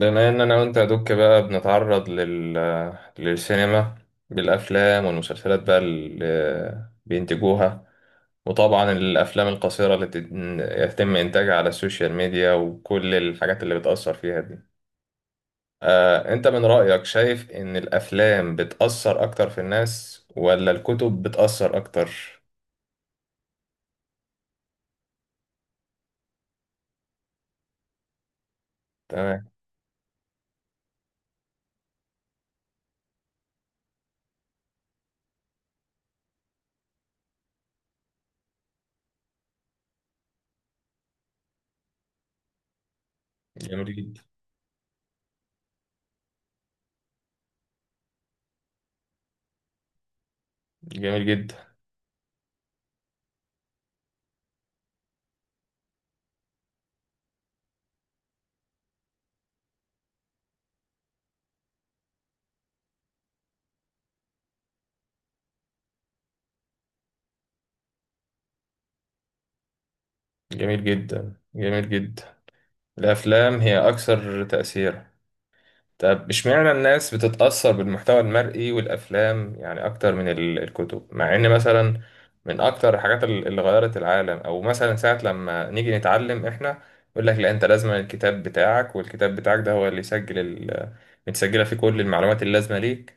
بما ان انا وانت يا دوك بقى بنتعرض للسينما، بالافلام والمسلسلات بقى اللي بينتجوها، وطبعا الافلام القصيره اللي يتم انتاجها على السوشيال ميديا، وكل الحاجات اللي بتاثر فيها دي. انت من رايك شايف ان الافلام بتاثر اكتر في الناس ولا الكتب بتاثر اكتر؟ تمام. جميل جدا. جميل جدا. جميل جدا. جميل جدا. الافلام هي اكثر تاثيرا. طب، اشمعنى الناس بتتأثر بالمحتوى المرئي والأفلام، يعني أكتر من الكتب، مع إن مثلا من أكتر الحاجات اللي غيرت العالم، أو مثلا ساعة لما نيجي نتعلم إحنا يقول لك لا، أنت لازم الكتاب بتاعك، والكتاب بتاعك ده هو اللي يسجل متسجلة فيه كل المعلومات اللازمة ليك،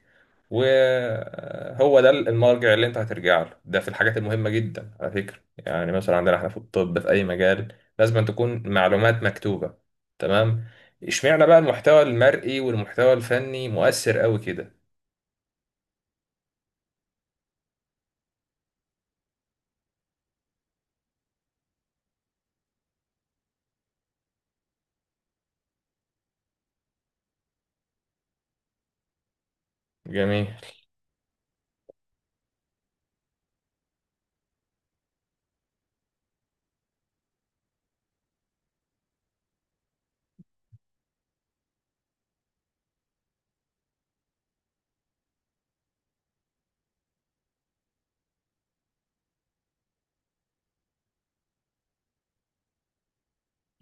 وهو ده المرجع اللي أنت هترجع له ده في الحاجات المهمة جدا على فكرة. يعني مثلا عندنا إحنا في الطب، في أي مجال لازم تكون معلومات مكتوبة. تمام. اشمعنى بقى المحتوى المرئي والمحتوى الفني مؤثر قوي كده؟ جميل.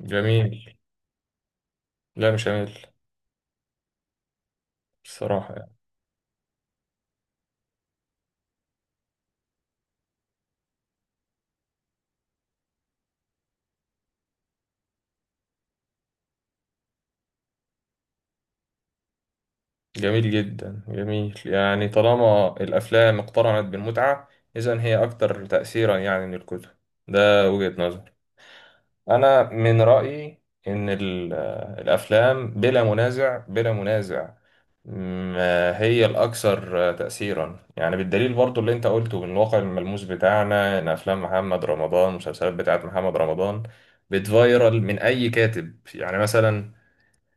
جميل. لا مش جميل الصراحة يعني. جميل جدا. جميل، يعني طالما الأفلام اقترنت بالمتعة، إذن هي أكثر تأثيرا يعني من الكتب. ده وجهة نظري. انا من رايي ان الافلام بلا منازع، بلا منازع. ما هي الاكثر تاثيرا، يعني بالدليل برضو اللي انت قلته من الواقع الملموس بتاعنا، ان افلام محمد رمضان، المسلسلات بتاعت محمد رمضان، بتفايرل من اي كاتب. يعني مثلا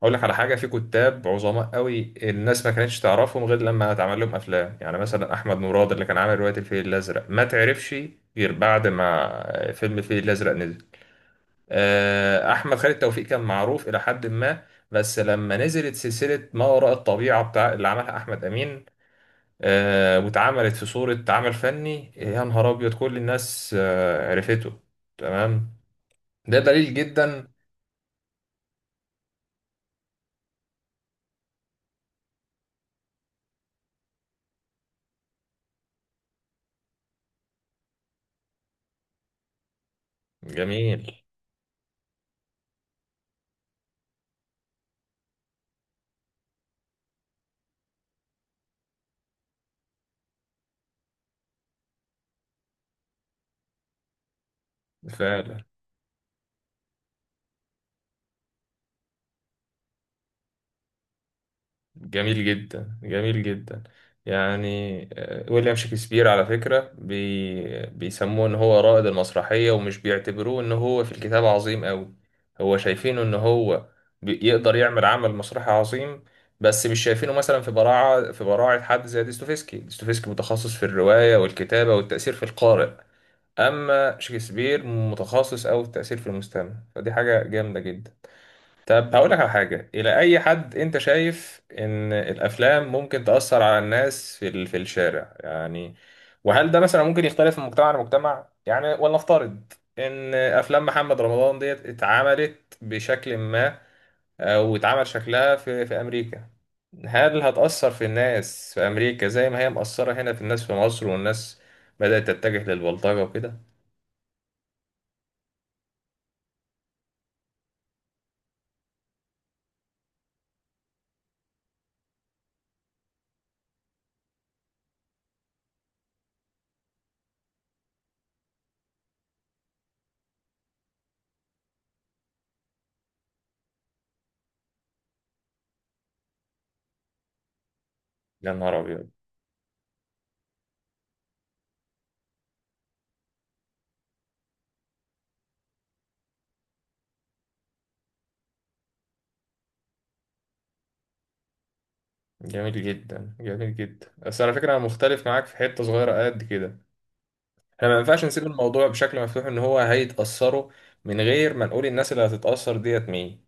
اقول لك على حاجه، في كتاب عظماء قوي الناس ما كانتش تعرفهم غير لما اتعمل لهم افلام. يعني مثلا احمد مراد اللي كان عامل روايه الفيل الازرق، ما تعرفش غير بعد ما فيلم الفيل الازرق نزل. احمد خالد توفيق كان معروف الى حد ما، بس لما نزلت سلسله ما وراء الطبيعه بتاع اللي عملها احمد امين، واتعملت في صوره عمل فني يا نهار ابيض، كل الناس عرفته. تمام. ده دليل جدا. جميل. فعلا. جميل جدا. جميل جدا. يعني ويليام شكسبير على فكرة بيسموه ان هو رائد المسرحية، ومش بيعتبروه ان هو في الكتاب عظيم قوي. هو شايفينه ان هو يقدر يعمل عمل مسرحي عظيم، بس مش شايفينه مثلا في براعة، في براعة حد زي ديستوفيسكي. ديستوفيسكي متخصص في الرواية والكتابة والتأثير في القارئ، اما شكسبير متخصص قوي في التأثير في المستمع، فدي حاجة جامدة جدا. طب، هقول لك على حاجة، إلى أي حد أنت شايف إن الأفلام ممكن تأثر على الناس في في الشارع يعني؟ وهل ده مثلا ممكن يختلف من مجتمع لمجتمع يعني؟ ولنفترض إن أفلام محمد رمضان ديت اتعملت بشكل ما، أو اتعمل شكلها في أمريكا، هل هتأثر في الناس في أمريكا زي ما هي مأثرة هنا في الناس في مصر، والناس بدأت تتجه للبلطجة وكده؟ يا نهار أبيض. جميل جدا. جميل جدا، بس على فكرة أنا مختلف معاك في حتة صغيرة قد كده. احنا ما ينفعش نسيب الموضوع بشكل مفتوح ان هو هيتأثروا، من غير ما نقول الناس اللي هتتأثر ديت مين،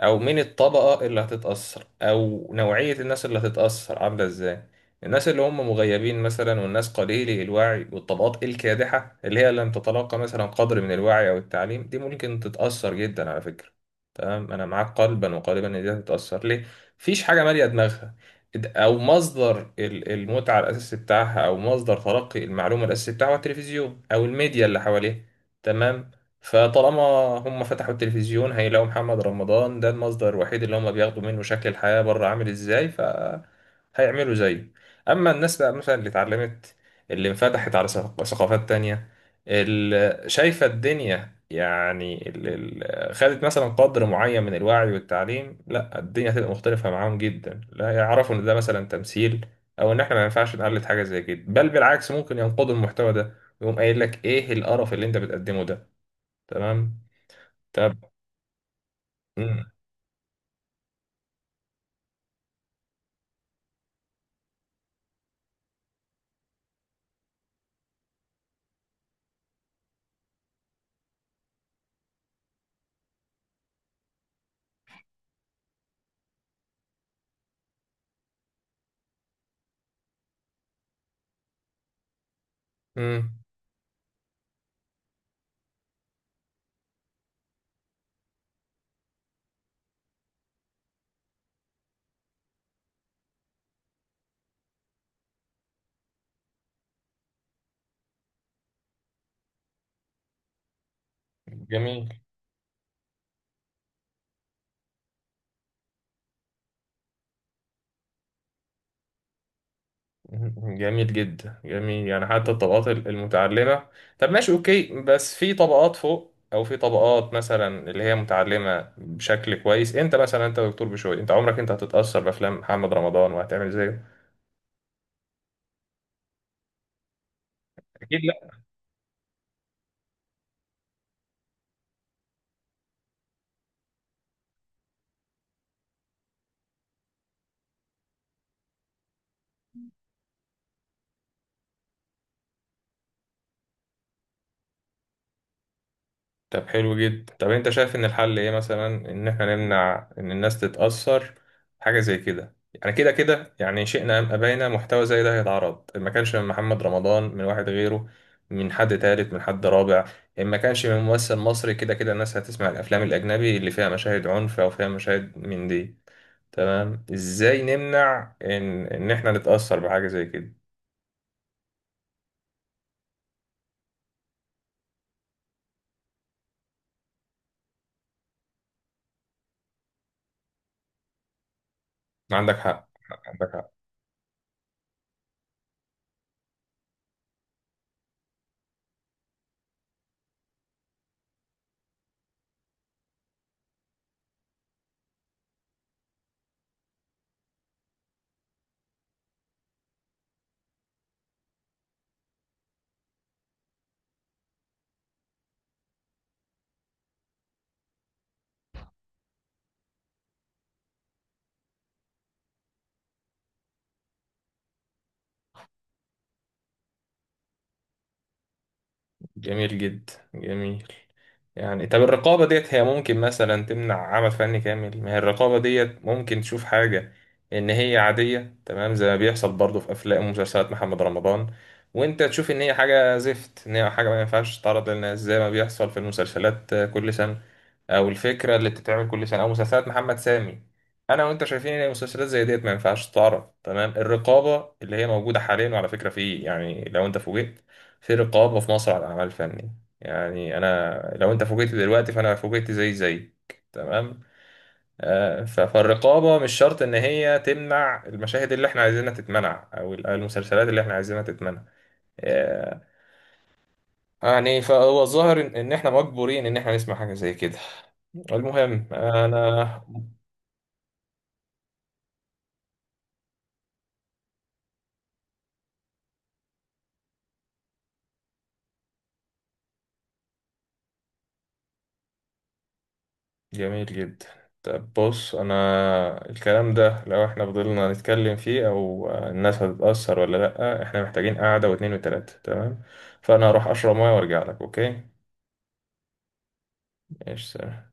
او مين الطبقة اللي هتتأثر، او نوعية الناس اللي هتتأثر عاملة ازاي. الناس اللي هم مغيبين مثلا، والناس قليلي الوعي، والطبقات الكادحة اللي هي لم تتلقى مثلا قدر من الوعي او التعليم، دي ممكن تتأثر جدا على فكرة. تمام، انا معاك قلبا وقالبا ان دي هتتأثر. ليه؟ مفيش حاجة مالية دماغها، او مصدر المتعه الاساسي بتاعها، او مصدر تلقي المعلومه الاساسي بتاعها هو التلفزيون او الميديا اللي حواليه. تمام. فطالما هم فتحوا التلفزيون هيلاقوا محمد رمضان، ده المصدر الوحيد اللي هم بياخدوا منه شكل الحياه بره عامل ازاي، ف هيعملوا زيه. اما الناس بقى مثلا اللي اتعلمت، اللي انفتحت على ثقافات تانية، اللي شايفه الدنيا يعني، خدت مثلا قدر معين من الوعي والتعليم، لا الدنيا هتبقى مختلفة معاهم جدا. لا، يعرفوا ان ده مثلا تمثيل، او ان احنا ما ينفعش نقلد حاجة زي كده، بل بالعكس ممكن ينقضوا المحتوى ده ويقوم قايل لك، ايه القرف اللي انت بتقدمه ده؟ تمام. طب. امم. جميل. جميل جدا. جميل، يعني حتى الطبقات المتعلمة. طب ماشي، اوكي. بس في طبقات فوق، او في طبقات مثلا اللي هي متعلمة بشكل كويس. انت مثلا، انت دكتور بشوي، انت عمرك هتتأثر بافلام محمد رمضان وهتعمل زيه؟ اكيد. طب حلو جدا. طب انت شايف ان الحل ايه مثلا، ان احنا نمنع ان الناس تتأثر حاجة زي كده؟ يعني كده كده يعني شئنا ام ابينا محتوى زي ده هيتعرض. ما كانش من محمد رمضان، من واحد غيره، من حد تالت، من حد رابع. ما كانش من ممثل مصري، كده كده الناس هتسمع الافلام الاجنبي اللي فيها مشاهد عنف او فيها مشاهد من دي. تمام. ازاي نمنع ان احنا نتأثر بحاجة زي كده؟ عندك حق. عندك حق. جميل جدا. جميل يعني. طب، الرقابة ديت هي ممكن مثلا تمنع عمل فني كامل، ما هي الرقابة ديت ممكن تشوف حاجة إن هي عادية، تمام زي ما بيحصل برضه في أفلام ومسلسلات محمد رمضان، وأنت تشوف إن هي حاجة زفت، إن هي حاجة ما ينفعش تتعرض للناس، زي ما بيحصل في المسلسلات كل سنة، أو الفكرة اللي بتتعمل كل سنة، أو مسلسلات محمد سامي. أنا وأنت شايفين إن المسلسلات زي ديت ما ينفعش تتعرض. تمام. الرقابة اللي هي موجودة حاليا، وعلى فكرة في، يعني لو أنت فوجئت، في رقابة في مصر على الأعمال الفنية. يعني أنا لو أنت فوجئت دلوقتي فأنا فوجئت زي. تمام. فالرقابة مش شرط إن هي تمنع المشاهد اللي إحنا عايزينها تتمنع، أو أو المسلسلات اللي إحنا عايزينها تتمنع. آه، يعني فهو الظاهر إن إحنا مجبورين إن إحنا نسمع حاجة زي كده. المهم أنا. جميل جدا. طب بص، انا الكلام ده لو احنا فضلنا نتكلم فيه او الناس هتتأثر ولا لأ، احنا محتاجين قعدة واتنين وتلاتة. تمام. فانا هروح اشرب ميه وارجع لك. اوكي. ماشي، سلام.